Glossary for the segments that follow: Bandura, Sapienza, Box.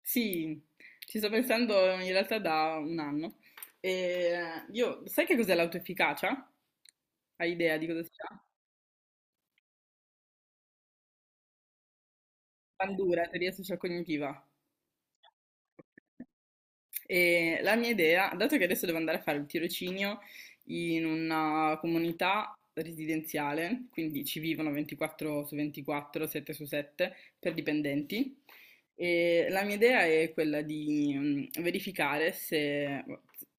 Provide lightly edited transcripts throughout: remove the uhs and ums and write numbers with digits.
Sì, ci sto pensando in realtà da un anno. E io, sai che cos'è l'autoefficacia? Hai idea di cosa sia? Bandura, teoria social cognitiva. E la mia idea, dato che adesso devo andare a fare il tirocinio in una comunità residenziale, quindi ci vivono 24 su 24, 7 su 7 per dipendenti, e la mia idea è quella di verificare se,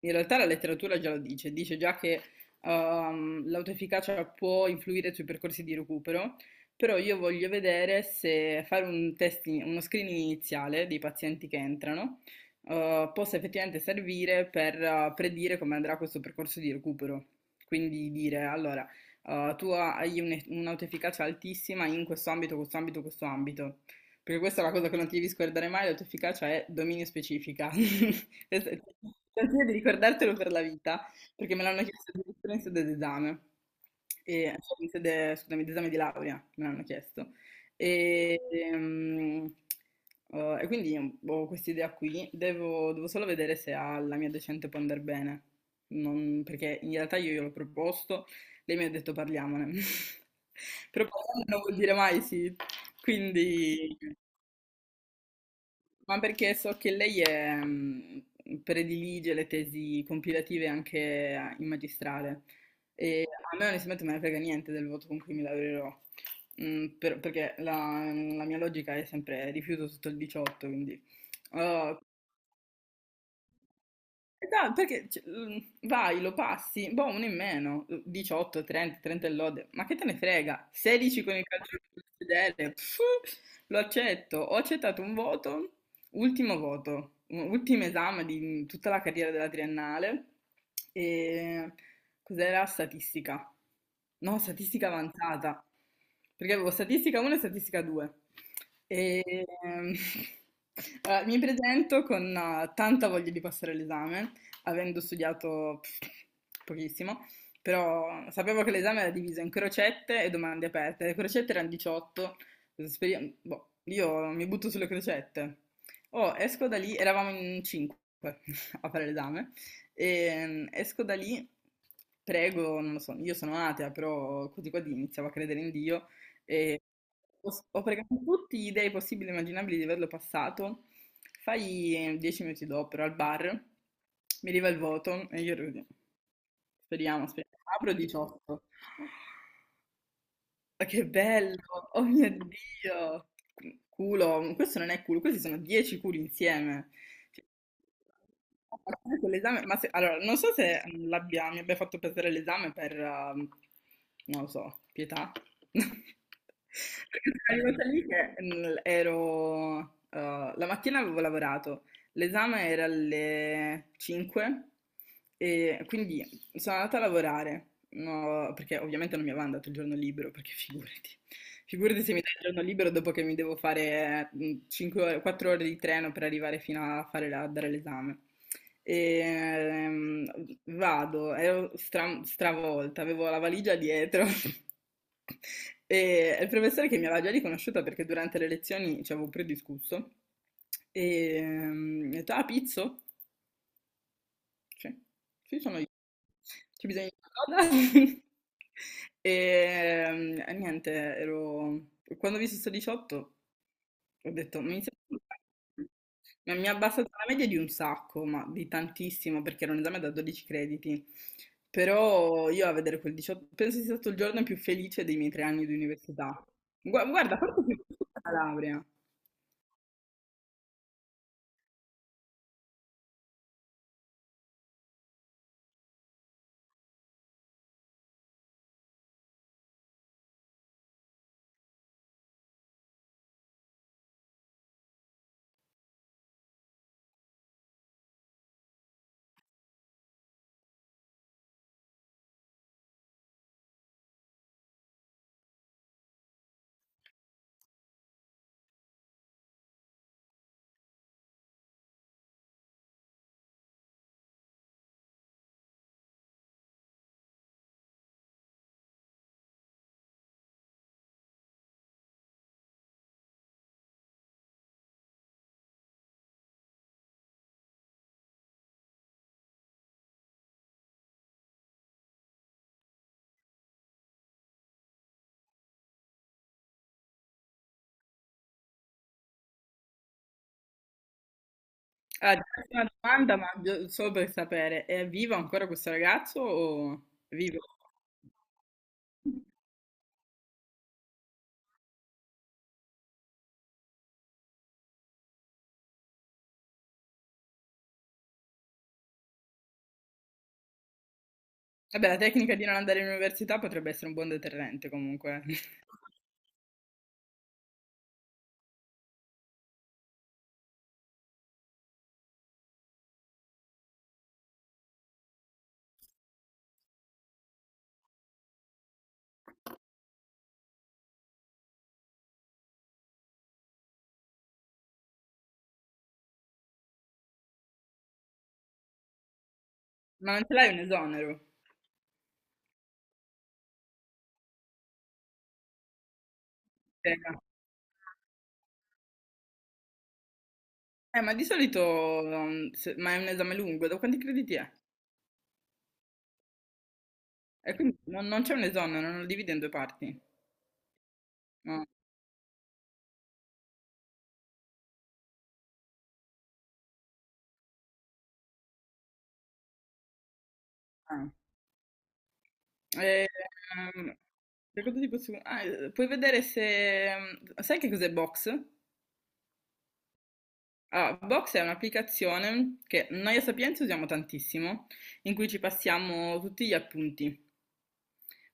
in realtà la letteratura già lo dice, dice già che l'autoefficacia può influire sui percorsi di recupero, però io voglio vedere se fare un test, uno screening iniziale dei pazienti che entrano possa effettivamente servire per predire come andrà questo percorso di recupero. Quindi dire, allora, tu hai un'autoefficacia altissima in questo ambito, questo ambito, questo ambito. Perché questa è la cosa che non ti devi scordare mai, l'autoefficacia è dominio specifica. Questo è- Ti consiglio di ricordartelo per la vita, perché me l'hanno chiesto addirittura in sede d'esame. E, cioè, in sede, scusami, d'esame di laurea me l'hanno chiesto. E, ehm, e quindi ho questa idea qui, devo solo vedere se alla mia docente può andare bene. Perché in realtà io gliel'ho proposto, lei mi ha detto parliamone, però parlando non vuol dire mai sì, quindi ma perché so che lei è, predilige le tesi compilative anche in magistrale e a me onestamente me ne frega niente del voto con cui mi laureerò. Perché la mia logica è sempre rifiuto sotto il 18, quindi... eh, Dai, perché cioè, vai, lo passi, boh, uno in meno, 18, 30, 30 e lode, ma che te ne frega? 16 con il calcio sul sedere, pff, lo accetto, ho accettato un voto. Ultimo voto, ultimo esame di tutta la carriera della triennale. E cos'era statistica? No, statistica avanzata, perché avevo statistica 1 e statistica 2. E, allora, mi presento con tanta voglia di passare l'esame, avendo studiato pff, pochissimo, però sapevo che l'esame era diviso in crocette e domande aperte. Le crocette erano 18, boh, io mi butto sulle crocette. Oh, esco da lì, eravamo in cinque a fare l'esame, e esco da lì, prego, non lo so, io sono atea, però così qua iniziavo a credere in Dio, e ho pregato tutti gli dei possibili e immaginabili di averlo passato, fai 10 minuti dopo, ero al bar, mi arriva il voto, e io ero così, speriamo, speriamo, apro 18, ma che bello! Oh mio Dio! Culo, questo non è culo, questi sono 10 culi insieme. Cioè, a parte allora, non so se mi abbia fatto perdere l'esame per, non lo so, pietà. Perché sono arrivata lì che la mattina avevo lavorato, l'esame era alle 5 e quindi sono andata a lavorare, no, perché ovviamente non mi avevano dato il giorno libero, perché figurati, figurati se mi dai il giorno libero dopo che mi devo fare 5 ore, 4 ore di treno per arrivare fino a, a dare l'esame. E, vado, ero stravolta, avevo la valigia dietro. E il professore che mi aveva già riconosciuta perché durante le lezioni ci avevo prediscusso, e mi ha detto, ah, Pizzo? Sì, sì, sono io. C'è bisogno di qualcosa? E e niente, ero... Quando ho visto sto 18 ho detto, mi ha abbassato la media di un sacco, ma di tantissimo, perché era un esame da 12 crediti. Però io a vedere quel 18, penso sia stato il giorno più felice dei miei 3 anni di università. Guarda, forse più felice della laurea. Ah, ti faccio una domanda, ma solo per sapere, è vivo ancora questo ragazzo o è vivo? Vabbè, la tecnica di non andare in università potrebbe essere un buon deterrente comunque. Ma non ce l'hai un esonero? No. Ma di solito, um, se- ma è un esame lungo, da quanti crediti è? E quindi non, c'è un esonero, non lo divide in due parti. No. Ah. E, ehm, che cosa puoi vedere se... Sai che cos'è Box? Allora, Box è un'applicazione che noi a Sapienza usiamo tantissimo, in cui ci passiamo tutti gli appunti.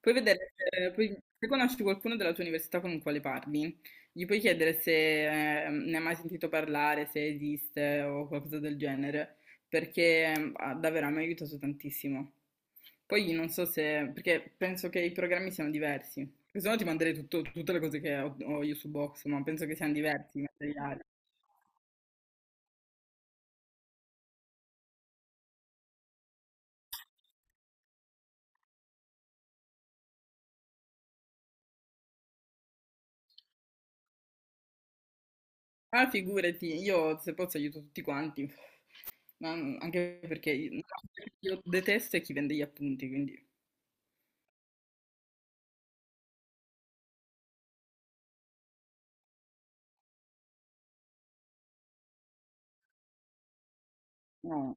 Puoi vedere se, se conosci qualcuno della tua università con il quale parli, gli puoi chiedere se ne hai mai sentito parlare, se esiste o qualcosa del genere, perché davvero mi ha aiutato tantissimo. Poi non so se, perché penso che i programmi siano diversi, perché se no ti manderei tutte le cose che ho, io su Box, ma penso che siano diversi i materiali. Ah, figurati, io se posso aiuto tutti quanti, ma anche perché io, no, io detesto è chi vende gli appunti, quindi no.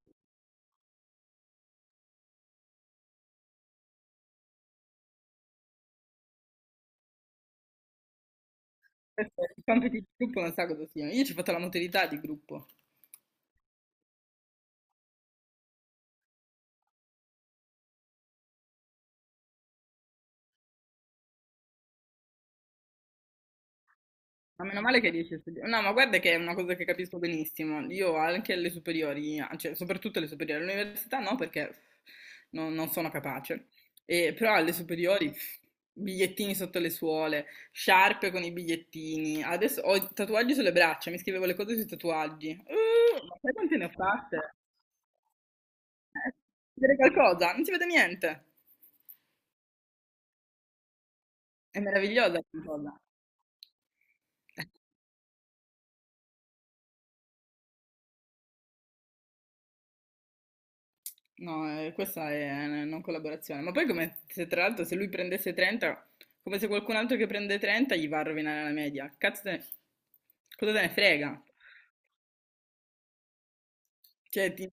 Questo- è Il compito di gruppo non sa cosa sia. Io ci ho fatto la modalità di gruppo. Ma meno male che riesci a studiare. No, ma guarda che è una cosa che capisco benissimo. Io anche alle superiori, cioè soprattutto alle superiori, all'università no, perché non sono capace. E, però alle superiori, pff, bigliettini sotto le suole, sciarpe con i bigliettini. Adesso ho i tatuaggi sulle braccia, mi scrivevo le cose sui tatuaggi. Ma sai quante ne ho fatte? Eh, si vede qualcosa? Non si vede niente. È meravigliosa questa cosa. No, questa è una non collaborazione. Ma poi come se tra l'altro se lui prendesse 30, come se qualcun altro che prende 30 gli va a rovinare la media. Cazzo te ne... Cosa te ne frega? Cioè, ti-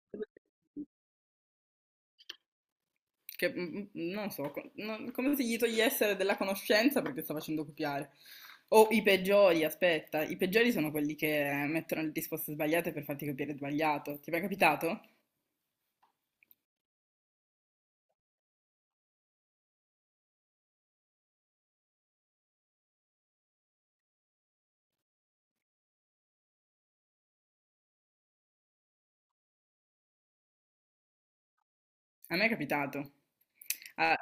che, mm, mm, non so, come se gli togliessero della conoscenza perché sta facendo copiare. O i peggiori, aspetta, i peggiori sono quelli che mettono le risposte sbagliate per farti copiare sbagliato. Ti è mai capitato? A me è capitato. Ah,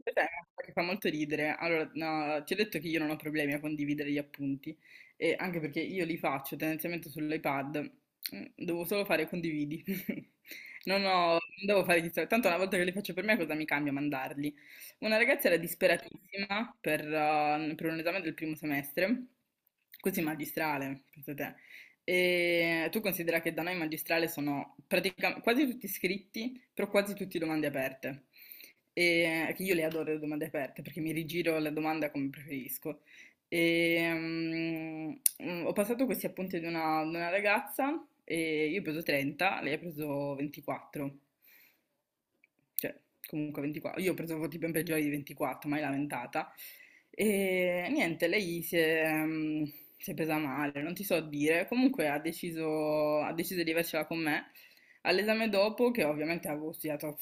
questa è una cosa che fa molto ridere. Allora, no, ti ho detto che io non ho problemi a condividere gli appunti, e anche perché io li faccio tendenzialmente sull'iPad, devo solo fare condividi. Non ho, non devo fare chissà, tanto una volta che li faccio per me cosa mi cambia mandarli? Una ragazza era disperatissima per un esame del primo semestre, così magistrale, pensa te. E tu considera che da noi magistrale sono praticamente quasi tutti iscritti, però quasi tutte domande aperte. E che io le adoro le domande aperte perché mi rigiro la domanda come preferisco. E, ho passato questi appunti ad una ragazza e io ho preso 30, lei ha preso 24. Cioè, comunque 24. Io pensavo tipo in peggiori di 24, mai lamentata. E niente, lei si è, mm, si è presa male, non ti so dire. Comunque ha deciso di avercela con me. All'esame dopo, che ovviamente avevo studiato,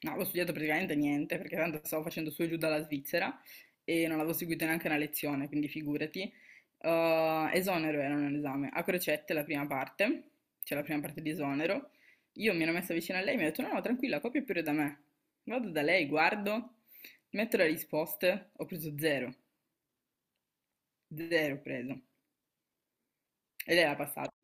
no, avevo studiato praticamente niente, perché tanto stavo facendo su e giù dalla Svizzera e non avevo seguito neanche una lezione, quindi figurati. Esonero era un esame a crocette la prima parte, cioè la prima parte di esonero, io mi ero messa vicino a lei e mi ha detto: No, no, tranquilla, copia pure da me. Vado da lei, guardo, metto le risposte, ho preso zero, zero ho preso. Ed era passato.